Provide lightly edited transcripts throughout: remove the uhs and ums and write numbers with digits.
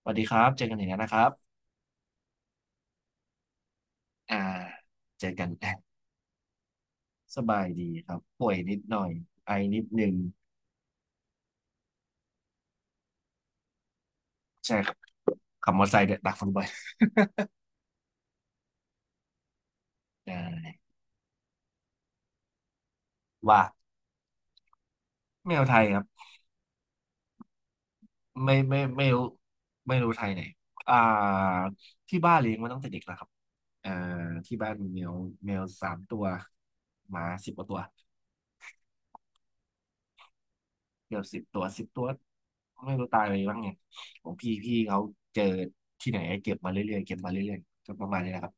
สวัสดีครับเจอกันอีกแล้วนะครับอ่าเจอกัน สบายดีครับป่วยนิดหน่อยไอนิดนึงใช่ครับขับมอเตอร์ไซค์เนี่ยดักฝุ่นบ่อยอ่าว่าแมวไทยครับไม่ไม่ไม่รู้ไม่รู้ไทยไหนอ่าที่บ้านเลี้ยงมาตั้งแต่เด็กแล้วครับอ่าที่บ้านมีแมวสามตัวหมาสิบกว่าตัวเกือบ 10 ตัว 10 ตัวไม่รู้ตายไปบ้างไงของพี่เขาเจอที่ไหนเก็บมาเรื่อยๆเก็บมาเรื่อยๆก็ประมาณนี้นะครับ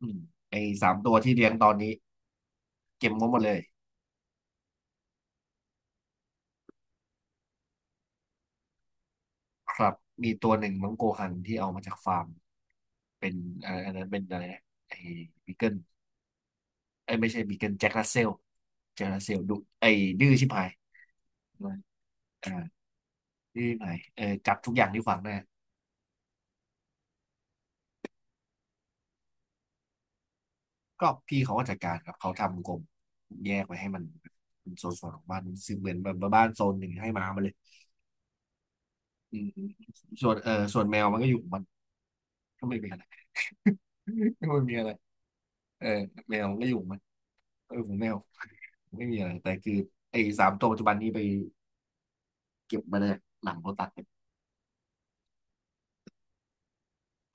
อืมไอ้สามตัวที่เลี้ยงตอนนี้เก็บงบหมดเลยครับมีตัวหนึ่งมังโกฮันที่เอามาจากฟาร์มเป็นอะอันนั้นเป็นอะไรนะไอ้บีเกิลไอ้ยไม่ใช่บีเกิลแจ็ครัสเซลแจ็ครัสเซลดุไอ้ดื้อชิบหายอ่าดื้อชิบหายเออจับทุกอย่างที่ขวางหน้าก็พี่เขาก็จัดการครับเขาทำกรงแยกไว้ให้มันเป็นโซนสวนของบ้านซึ่งเหมือนแบบบ้านโซนหนึ่งให้หมามาเลยอืมส่วนส่วนแมวมันก็อยู่ของมันก็ไม่มีอะไร ก็ไม่มีอะไรเออแมวมันก็อยู่ของมันเออผแมว ไม่มีอะไรแต่คือไอ้สามตัวปัจจุบันนี้ไปเก็บมาเลยหลังโลตัสเนี่ย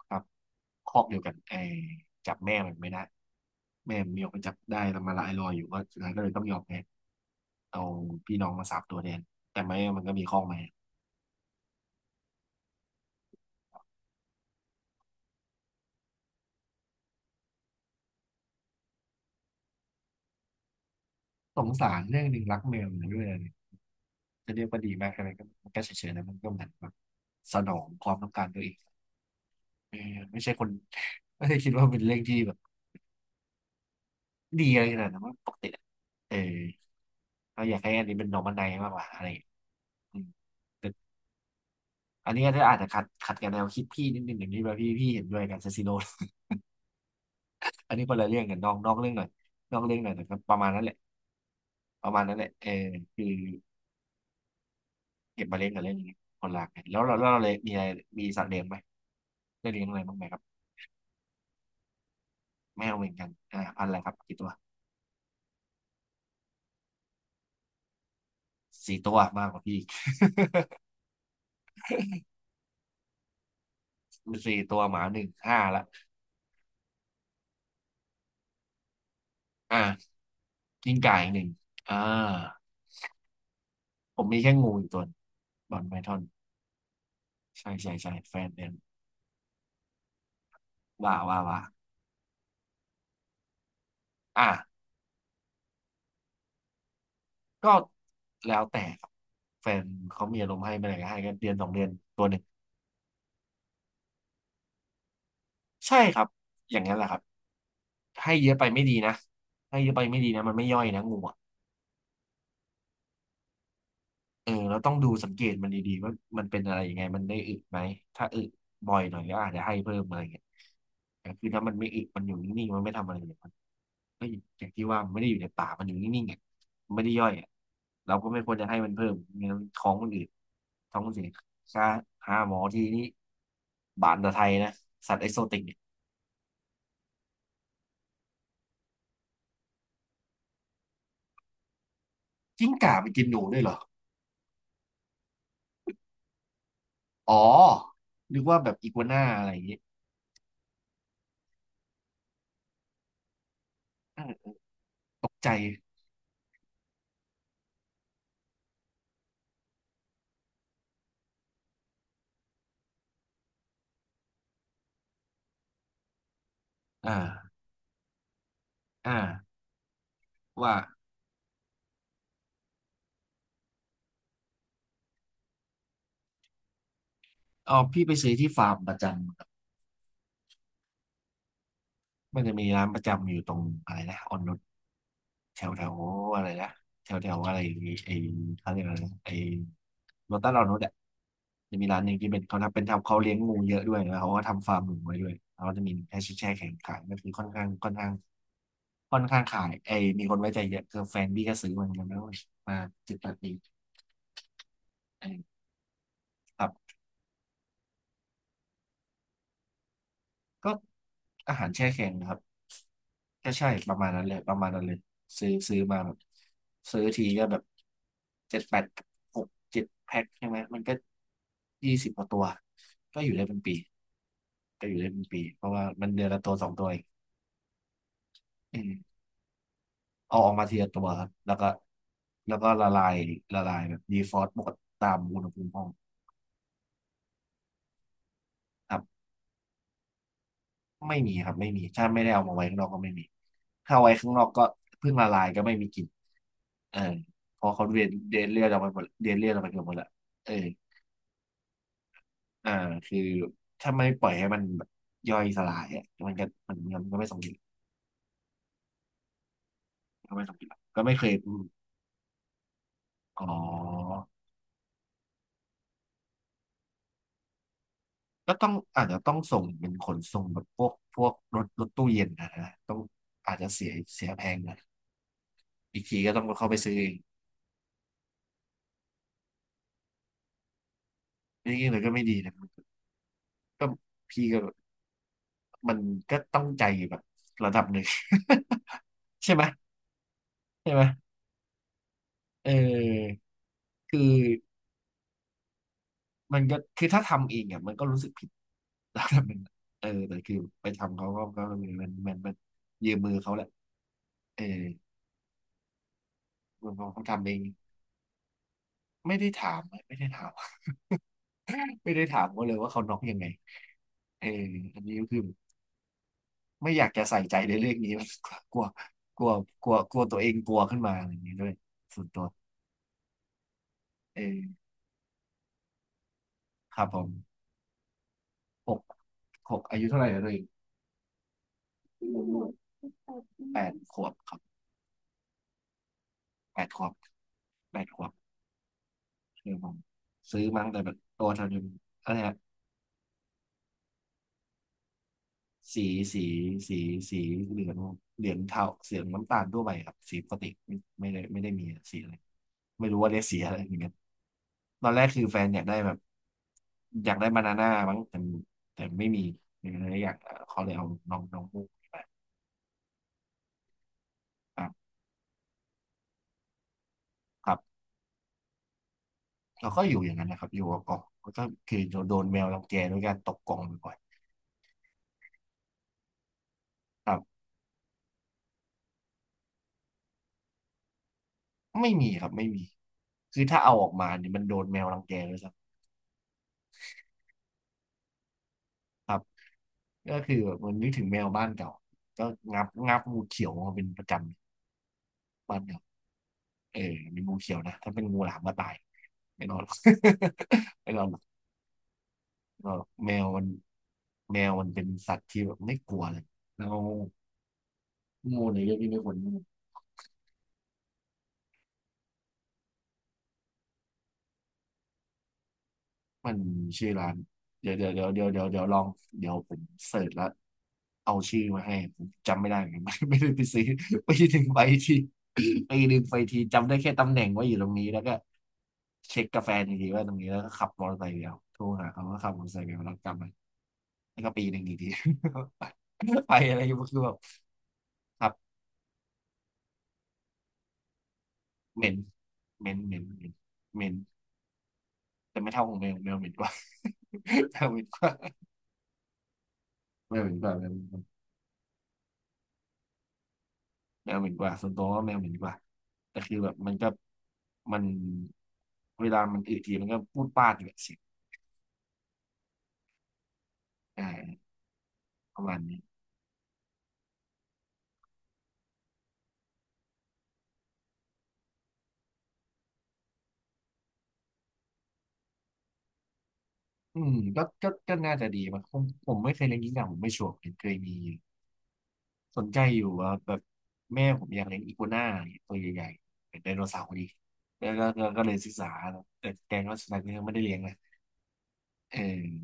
ครับคอกเดียวกันไอ้จับแม่มันไม่ได้แม่มันมีออกไปจับได้แต่มาละไอ้ลอยอยู่ก็สุดท้ายก็เลยต้องยอมแพ้เอาพี่น้องมาสามตัวแทนแต่แม่มันก็มีคอกมาสงสารเรื่องหนึ่งรักแมวอยู่ด้วยเลยจะเรียกว่าดีมากอะไรก็มันก็เฉยๆนะมันก็เหมือนแบบสนองความต้องการตัวเองเออไม่ใช่คน ไม่ได้คิดว่าเป็นเรื่องที่แบบดีอะไรขนาดนั้นว่าปกติอะเออเราอยากให้อันนี้เป็นน o r m a ั i z e มากกว่าอะไรอย่างเงี้ยอืม อันนี้ก็อาจจะขัดกับแนวคิดพี่นิดนึงอย่างนี้แบบพี่เห็นด้วยกันคาซิโน อันนี้คนละเรื่องกันนอกเรื่องหน่อยนอกเรื่องหน่อยแต่ก็ประมาณนั้นแหละประมาณนั้นแหละเออคือเก็บมาเล่นกับเล่นอย่างเงี้ยคนละกันแล้วเราเลยมีอะไรมีสัตว์เลี้ยงไหมได้เลี้ยงอะไรบ้างไหมครับแมวเหมือนกันพันธุ์อะไรครับกี่ตัวสี่ตัวมากกว่าพี่มีสี่ตัวหมาหนึ่งห้าละอ่ากิ้งก่าอีกหนึ่งอ่าผมมีแค่งูอีกตัวหนึ่งบอลไพทอนใช่ใช่ใช่แฟนเลี้ยงว่าอ่า ก็แล้วแต่ครับแฟนเขามีอารมณ์ให้เมื่อไหร่ก็ให้ก็เดือน2 เดือนตัวหนึ่งใช่ครับอย่างนั้นแหละครับให้เยอะไปไม่ดีนะให้เยอะไปไม่ดีนะมันไม่ย่อยนะงูอะ เออเราต้องดูสังเกตมันดีๆว่ามันเป็นอะไรยังไงมันได้อึไหมถ้าอึบ่อยหน่อยก็อาจจะให้เพิ่มอะไรเงี้ยแต่คือถ้ามันไม่อึมันอยู่นิ่งๆมันไม่ทำอะไรเลยมันก็อย่างที่ว่ามันไม่ได้อยู่ในป่ามันอยู่นิ่งๆอ่ะมันไม่ได้ย่อยอ่ะเราก็ไม่ควรจะให้มันเพิ่มไม่งั้นท้องมันอืดท้องมันเสียค่าหาหมอทีนี้บานตะไทยนะสัตว์เอ็กโซติกเนี่ยกิ้งก่าไปกินหนูด้วยเหรออ๋อนึกว่าแบบอีกัวน่าอะไรอย่างเงี้ยเออตกใจอ่าอ่าว่า อ๋อพี่ไปซื้อที่ฟาร์มประจำครับมันจะมีร้านประจำอยู่ตรงอะไรนะออนนุชแถวแถวอะไรนะแถวแถวอะไรไอ้เขาเรียกอะไรนะไอ้โลตัสออนนุชอ่ะจะมีร้านหนึ่งที่เป็นเขาทำเป็นทำเขาเลี้ยงงูเยอะด้วยแล้วเขาก็ทำฟาร์มหนูไว้ด้วยแล้วก็จะมีแค่แช่แข็งขายก็คือค่อนข้างขายไอ้มีคนไว้ใจเยอะคือแฟนพี่ก็ซื้อเหมือนกันแล้วมาจิตตปีเออครับ ก็อาหารแช่แข็งนะครับก็ใช่ประมาณนั้นเลยประมาณนั้นเลยซื้อมาแบบซื้อทีก็แบบเจ็ดแปดหกเจ็ดแพ็คใช่ไหมมันก็20 กว่าตัวก็อยู่ได้เป็นปีก็อยู่ได้เป็นปีเพราะว่ามันเดือนละตัวสองตัวเองอืมเอาออกมาทีละตัวครับแล้วก็ละลายแบบดีฟรอสต์หมดตามอุณหภูมิห้องครับ ไม่มีครับไม่มีถ้าไม่ได้เอามาไว้ข้างนอกก็ไม่มีถ้าเอาไว้ข้างนอกก็เพิ่งละลายก็ไม่มีกลิ่นเออเพอเขาเดนเลือดออกไปหมดเดนเลือดออกไปเกือบหมดละเอออ่าคือถ้าไม่ปล่อยให้มันแบบย่อยสลายอ่ะมันก็มันก็ไม่สมบูรก็ไม่สมบูก็ไม่เคยอมอ๋อก็ต้องอาจจะต้องส่งเป็นขนส่งแบบพวกรถตู้เย็นนะต้องอาจจะเสียแพงหนะอยอีกทีก็ต้องเข้าไปซื้อเองนี่เลยก็ไม่ดีนะก็พี่ก็ มันก็ต้องใจแบบระดับหนึ่ง ใช่ไหมใช่ไหมเออคือมันก็คือถ้าทำเองอ่ะมันก็รู้สึกผิด ระดับหนึ่งอะเออแต่คือไปทำเขาก็ก็มันยืมมือเขาแหละเออมันพอเขาทำเองไม่ได้ถาม ไม่ได้ถามเขาเลยว่าเขาน็อกยังไงเอออันนี้ก็คือไม่อยากจะใส่ใจในเรื่องนี้มากก ลัวกลัวกลัวกลัวตัวเองกลัวขึ้นมาอะไรอย่างนี้ด้วยส่วนตัวเออครับผมหกหกอายุเท่าไหร่แล้วตัวเอง แปดขวบครับแปดขวบแปดขวบคือผมซื้อมั้งแต่แบบตัวเท่านี้อะไรฮะสีสีสีสีเหลืองเหลืองเทาเสียงน้ำตาลทั่วไปครับสีปกติไม่ได้มีสีอะไรไม่รู้ว่าเรียกสีอะไรอย่างเงี้ยตอนแรกคือแฟนอยากได้แบบอยากได้บานาน่ามั้งแต่ไม่มีเลยอยากเขาเลยเอาน้องน้องมูกครับครับแล้วก็อยู่อย่างนั้นนะครับอยู่กับกล่องแล้วก็คือโดนแมวรังแกด้วยการตกกล่องบ่อยๆครับ ไม่มีครับไม่มีคือถ้าเอาออกมาเนี่ยมันโดนแมวรังแกเลยครับครับก็คือแบบมันนึกถึงแมวบ้านเก่าก็งับงูเขียวมาเป็นประจำบ้านเก่าเออเป็นงูเขียวนะถ้าเป็นงูหลามก็ตายไม่นอนหรอก ไม่นอนหรอกไม่นอนหรอกแมวมันแมวมันเป็นสัตว์ที่แบบไม่กลัวเลยแล้วงูเนี่ยเยอะที่ไม่ควร มันชื่อร้านเดี๋ยวเดี๋ยวเดี๋ยวเดี๋ยวเดี๋ยวเดี๋ยวลองเดี๋ยวผมเสิร์ชแล้วเอาชื่อมาให้ผมจำไม่ได้เหมือนกัน ไม่ได้ไปซื้อไปดึงไปที่ไปดึงไปทีจำได้แค่ตำแหน่งว่าอยู่ตรงนี้แล้วก็เช็คกาแฟนอีกทีว่าตรงนี้แล้วก็ขับมอเตอร์ไซค์ไปเดียวโทรหาเขาว่าขับมอเตอร์ไซค์ไปเอาแล้วกลับมาแล้วก็ปีหนึ่งอีกที ไปอะไรก็งงคือแบบครับเหม็นเหม็นเหม็นเหม็นเหม็นแต่ไม่เท่าของแมวแมวเหม็นกว่า แมวเหม็นกว่าแมวเหม็นกว่าแมวเหม็นกว่า แมวเหม็นกว่าส่วนตัวว่าแมวเหม็นกว่าแต่คือแบบมันก็มันเวลามันอึทีมันก็พูดปาดอยู่แบบเสียงอ่าประมาณนี้อืมก็น่าจะดีมั้งผมไม่เคยเลี้ยงกิ้งก่าผมไม่ชัวร์ผมเคยมีสนใจอยู่ว่าแบบแม่ผมอยากเลี้ยงอีกัวน่าเนี่ยตัวใหญ่ๆเป็นไดโนเสาร์ดีแล้วก็เลยศึกษาแล้วแต่ก็สุดท้ายก็ยังไม่ได้เลี้ยงนะเออ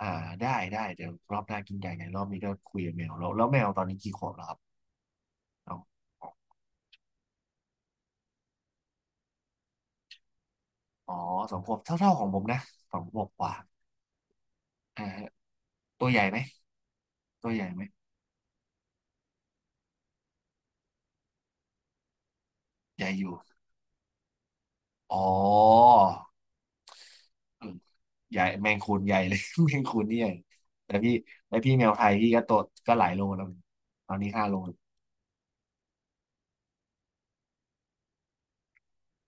อ่าได้ได้เดี๋ยวรอบหน้ากินใหญ่ไงรอบนี้ก็คุยกับแมวแล้วแล้วแมวตอนนี้กี่ขวบแล้วครับเอา อ๋อ2 ขวบเท่าๆของผมนะสองขวบกว่าอ่าฮะตัวใหญ่ไหมตัวใหญ่ไหมใหญ่อยู่อ๋ออืมใหญ่แมงคูนใหญ่เลย แมงคูนนี่ใหญ่แต่พี่แต่พี่แมวไทยพี่ก็ตัวก็หลายโลแล้วตอนนี้5 โล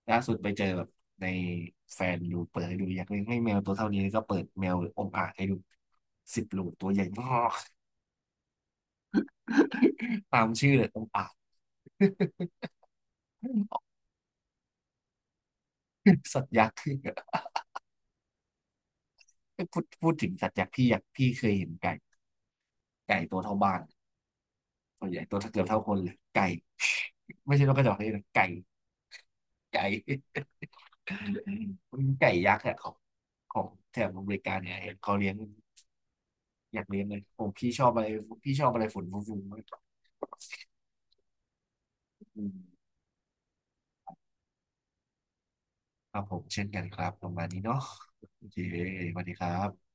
ล่าสุดไปเจอแบบในแฟนดูเปิดให้ดูอยากเลี้ยงให้แมวตัวเท่านี้ก็เปิดแมวองอ่าจให้ดู10 โลตัวใหญ่มาก ตามชื่อเลยองอ่าง สัตว์ยักษ์ คือพูดถึงสัตว์ยักษ์พี่อยากพี่เคยเห็นไก่ไก่ตัวเท่าบ้าน ตัวใหญ่ตัวเกือบเท่าคนเลยไก่ ไม่ใช่นกกระจอกนี่นะไก่ไก่ มันไก่ยักษ์อะของแถบอเมริกาเนี่ยเห็นเขาเลี้ยงอยากเลี้ยงเลยผมพี่ชอบอะไรพี่ชอบอะไรฝุ่นฟุ้งๆครับผมเช่นกันครับประมาณนี้เนาะโอเคสวัสดีครับ